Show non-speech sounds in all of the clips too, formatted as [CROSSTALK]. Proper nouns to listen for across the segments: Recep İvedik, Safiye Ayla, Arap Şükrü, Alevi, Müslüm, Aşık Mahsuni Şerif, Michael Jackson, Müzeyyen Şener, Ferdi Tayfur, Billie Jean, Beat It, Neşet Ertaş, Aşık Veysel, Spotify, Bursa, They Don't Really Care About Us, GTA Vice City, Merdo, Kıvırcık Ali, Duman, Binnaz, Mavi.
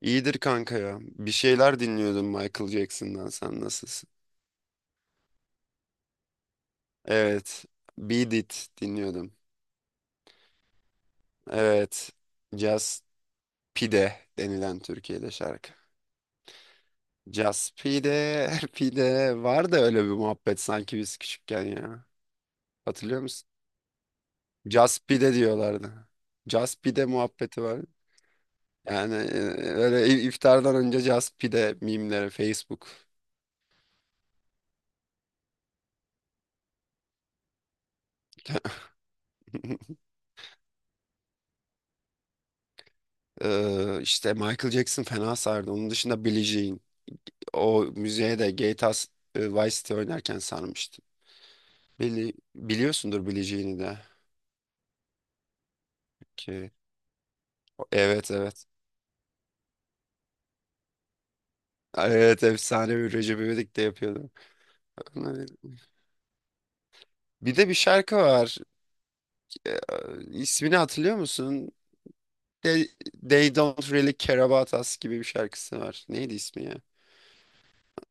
İyidir kanka ya. Bir şeyler dinliyordum Michael Jackson'dan. Sen nasılsın? Evet. Beat It dinliyordum. Evet. Just Pide denilen Türkiye'de şarkı. Just Pide, [LAUGHS] Pide. Var da öyle bir muhabbet sanki biz küçükken ya. Hatırlıyor musun? Just Pide diyorlardı. Just Pide muhabbeti var. Yani e, öyle iftardan önce Just Pide mimleri Facebook. [LAUGHS] İşte Michael Jackson fena sardı. Onun dışında Billie Jean. O müziğe de Vice City oynarken sarmıştım. Biliyorsundur bileceğini de ki. Evet. Evet efsane bir Recep İvedik de yapıyordu. Bir de bir şarkı var. E, ismini hatırlıyor musun? They, They Don't Really Care About Us gibi bir şarkısı var. Neydi ismi ya?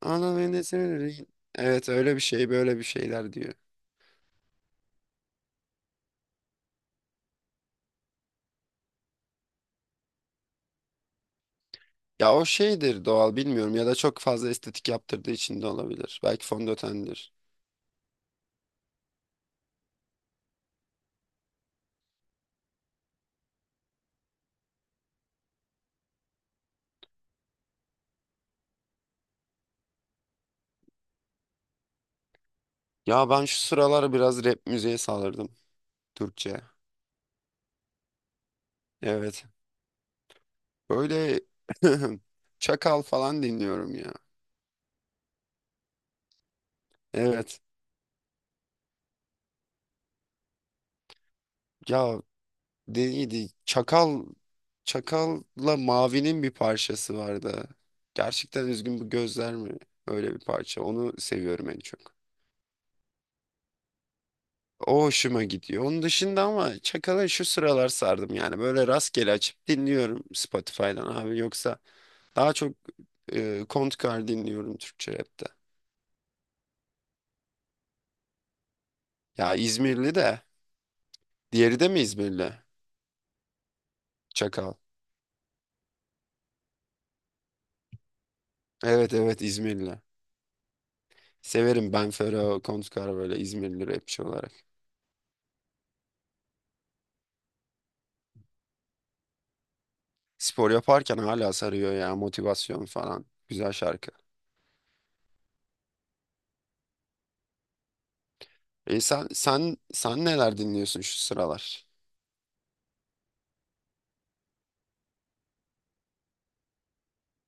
Anam endişeleri- Evet öyle bir şey böyle bir şeyler diyor. Ya o şeydir doğal bilmiyorum ya da çok fazla estetik yaptırdığı için de olabilir. Belki fondötendir. Ya ben şu sıralar biraz rap müziğe sardım. Türkçe. Evet. Böyle [LAUGHS] Çakal falan dinliyorum ya. Evet. Ya neydi? Çakal'la Mavi'nin bir parçası vardı. Gerçekten üzgün bu gözler mi? Öyle bir parça. Onu seviyorum en çok. O hoşuma gidiyor. Onun dışında ama Çakal'a şu sıralar sardım yani. Böyle rastgele açıp dinliyorum Spotify'dan abi. Yoksa daha çok Kontkar dinliyorum Türkçe rapte. Ya İzmirli de. Diğeri de mi İzmirli? Çakal. Evet. İzmirli. Severim ben Fero Kontkar böyle İzmirli rapçi olarak. Spor yaparken hala sarıyor ya motivasyon falan. Güzel şarkı. E sen neler dinliyorsun şu sıralar?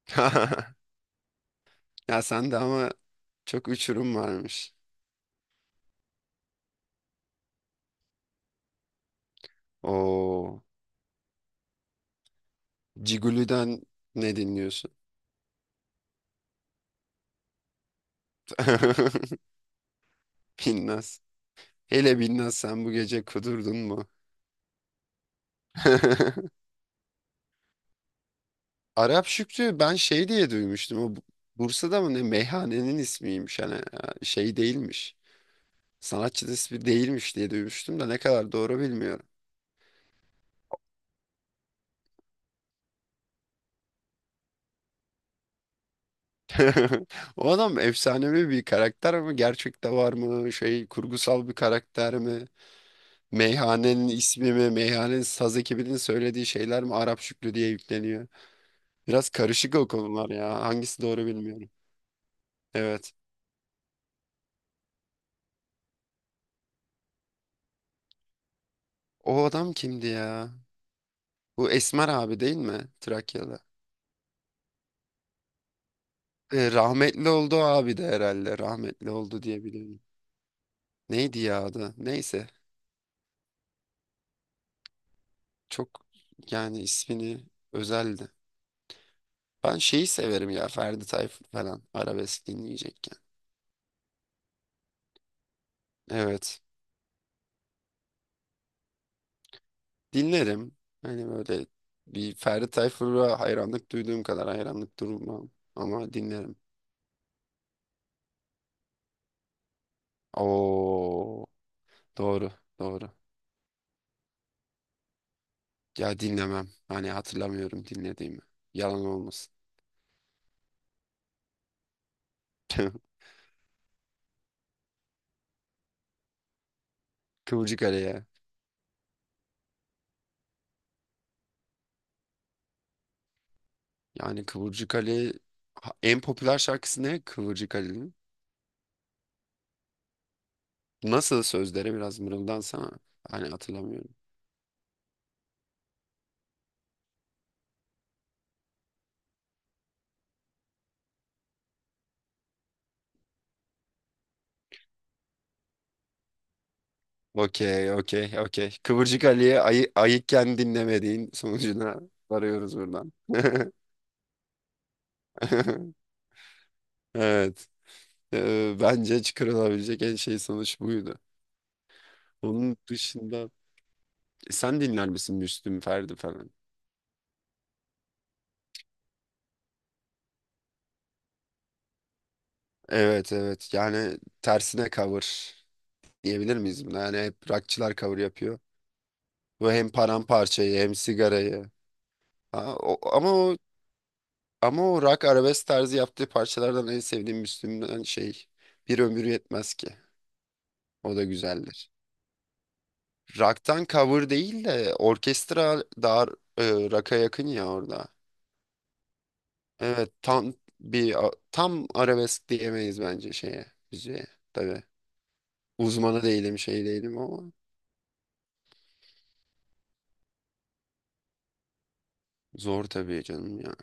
[LAUGHS] Ya sen de ama çok uçurum varmış. O Ciguli'den ne dinliyorsun? [LAUGHS] Binnaz. Hele Binnaz sen bu gece kudurdun mu? [LAUGHS] Arap Şükrü ben şey diye duymuştum. Bursa'da mı ne meyhanenin ismiymiş hani şey değilmiş. Sanatçının ismi değilmiş diye duymuştum da ne kadar doğru bilmiyorum. [LAUGHS] O adam efsanevi bir karakter mi? Gerçekte var mı? Şey kurgusal bir karakter mi? Meyhanenin ismi mi? Meyhanenin saz ekibinin söylediği şeyler mi? Arap Şükrü diye yükleniyor. Biraz karışık o konular ya. Hangisi doğru bilmiyorum. Evet. O adam kimdi ya? Bu Esmer abi değil mi? Trakyalı. Rahmetli oldu o abi de herhalde. Rahmetli oldu diye biliyorum. Neydi ya adı? Neyse. Çok yani ismini özeldi. Ben şeyi severim ya Ferdi Tayfur falan arabesk dinleyecekken. Evet. Dinlerim. Hani böyle bir Ferdi Tayfur'a hayranlık duyduğum kadar hayranlık durmam. Ama dinlerim. Oo, doğru doğru. Ya dinlemem. Hani hatırlamıyorum dinlediğimi. Yalan olmasın. [LAUGHS] Kıvırcık Ali ya. Yani en popüler şarkısı ne Kıvırcık Ali'nin? Nasıl sözleri biraz mırıldansana. Hani hatırlamıyorum. Okey, okey, okey. Kıvırcık Ali'ye ayıkken dinlemediğin sonucuna varıyoruz buradan. [LAUGHS] Evet. Bence çıkarılabilecek en şey sonuç buydu. Onun dışında sen dinler misin Müslüm Ferdi falan? Evet, yani tersine cover diyebilir miyiz buna? Yani hep rockçılar cover yapıyor. Bu hem paramparçayı hem sigarayı. Ha, o- ama o ama o rock arabesk tarzı yaptığı parçalardan en sevdiğim Müslüm'den şey Bir Ömür Yetmez Ki. O da güzeldir. Rock'tan cover değil de orkestra daha rock'a yakın ya orada. Evet tam arabesk diyemeyiz bence şeye müziğe. Tabii uzmanı değilim şey değilim ama zor tabii canım ya.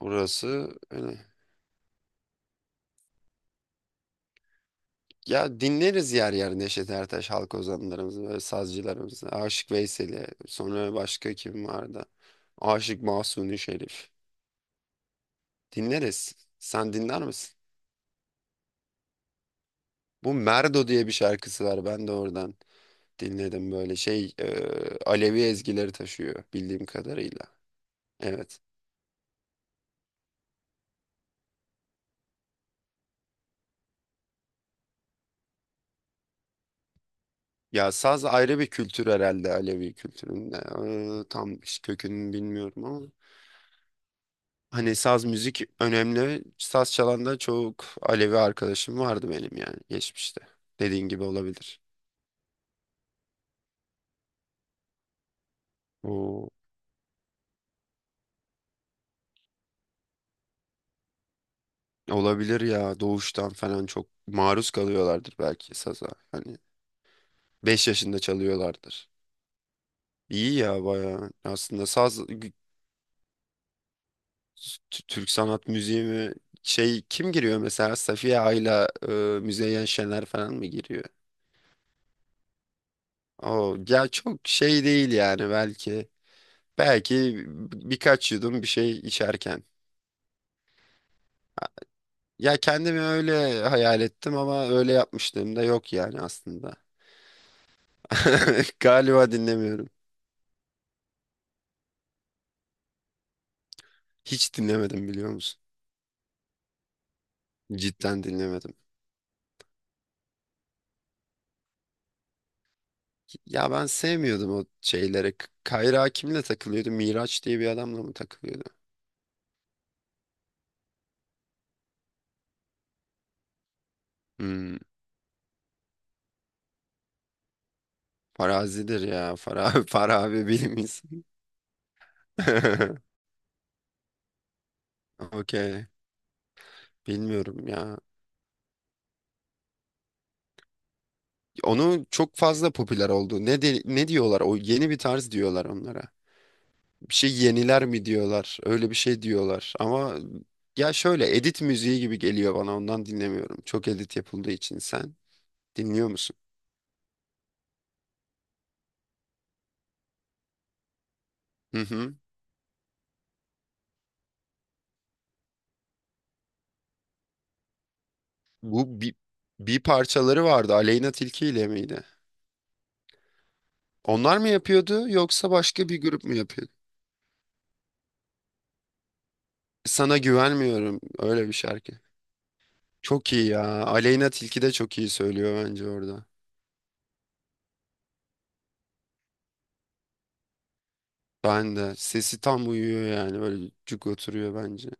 Orası öyle. Ya dinleriz yer yer Neşet Ertaş halk ozanlarımızı, böyle sazcılarımızı. Aşık Veysel'i, sonra başka kim vardı? Aşık Mahsuni Şerif. Dinleriz. Sen dinler misin? Bu Merdo diye bir şarkısı var. Ben de oradan dinledim böyle Alevi ezgileri taşıyor bildiğim kadarıyla. Evet. Ya saz ayrı bir kültür herhalde Alevi kültüründe. Tam kökünü bilmiyorum ama. Hani saz müzik önemli. Saz çalan da çok Alevi arkadaşım vardı benim yani geçmişte. Dediğin gibi olabilir. O olabilir ya doğuştan falan çok maruz kalıyorlardır belki saza. Hani 5 yaşında çalıyorlardır. İyi ya bayağı. Aslında saz g- t- Türk sanat müziği mi şey kim giriyor mesela Safiye Ayla, Müzeyyen Şener falan mı giriyor? O ya çok şey değil yani belki. Belki birkaç yudum bir şey içerken. Ya kendimi öyle hayal ettim ama öyle yapmışlığım da yok yani aslında. [LAUGHS] Galiba dinlemiyorum. Hiç dinlemedim biliyor musun? Cidden dinlemedim. Ya ben sevmiyordum o şeylere. Kayra kimle takılıyordu? Miraç diye bir adamla mı takılıyordu? Hmm, Farazi'dir ya. Farabi, [LAUGHS] Farabi bilim insanı. [LAUGHS] Okey. Bilmiyorum ya. Onun çok fazla popüler oldu. Ne diyorlar? O yeni bir tarz diyorlar onlara. Bir şey yeniler mi diyorlar. Öyle bir şey diyorlar. Ama ya şöyle edit müziği gibi geliyor bana ondan dinlemiyorum. Çok edit yapıldığı için sen dinliyor musun? Hı hı. Bu bir, bir parçaları vardı Aleyna Tilki ile miydi? Onlar mı yapıyordu yoksa başka bir grup mu yapıyordu? Sana güvenmiyorum öyle bir şarkı. Çok iyi ya. Aleyna Tilki de çok iyi söylüyor bence orada. Ben de. Sesi tam uyuyor yani. Böyle cuk oturuyor bence.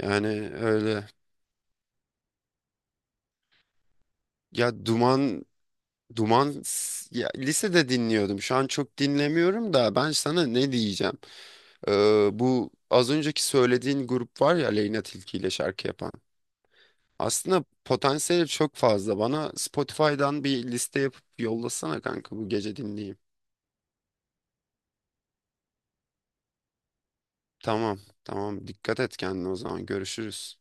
Yani öyle. Ya Duman Duman ya, lisede dinliyordum. Şu an çok dinlemiyorum da ben sana ne diyeceğim? Bu az önceki söylediğin grup var ya Leyna Tilki ile şarkı yapan. Aslında potansiyeli çok fazla. Bana Spotify'dan bir liste yapıp yollasana kanka bu gece dinleyeyim. Tamam, tamam. Dikkat et kendine o zaman. Görüşürüz.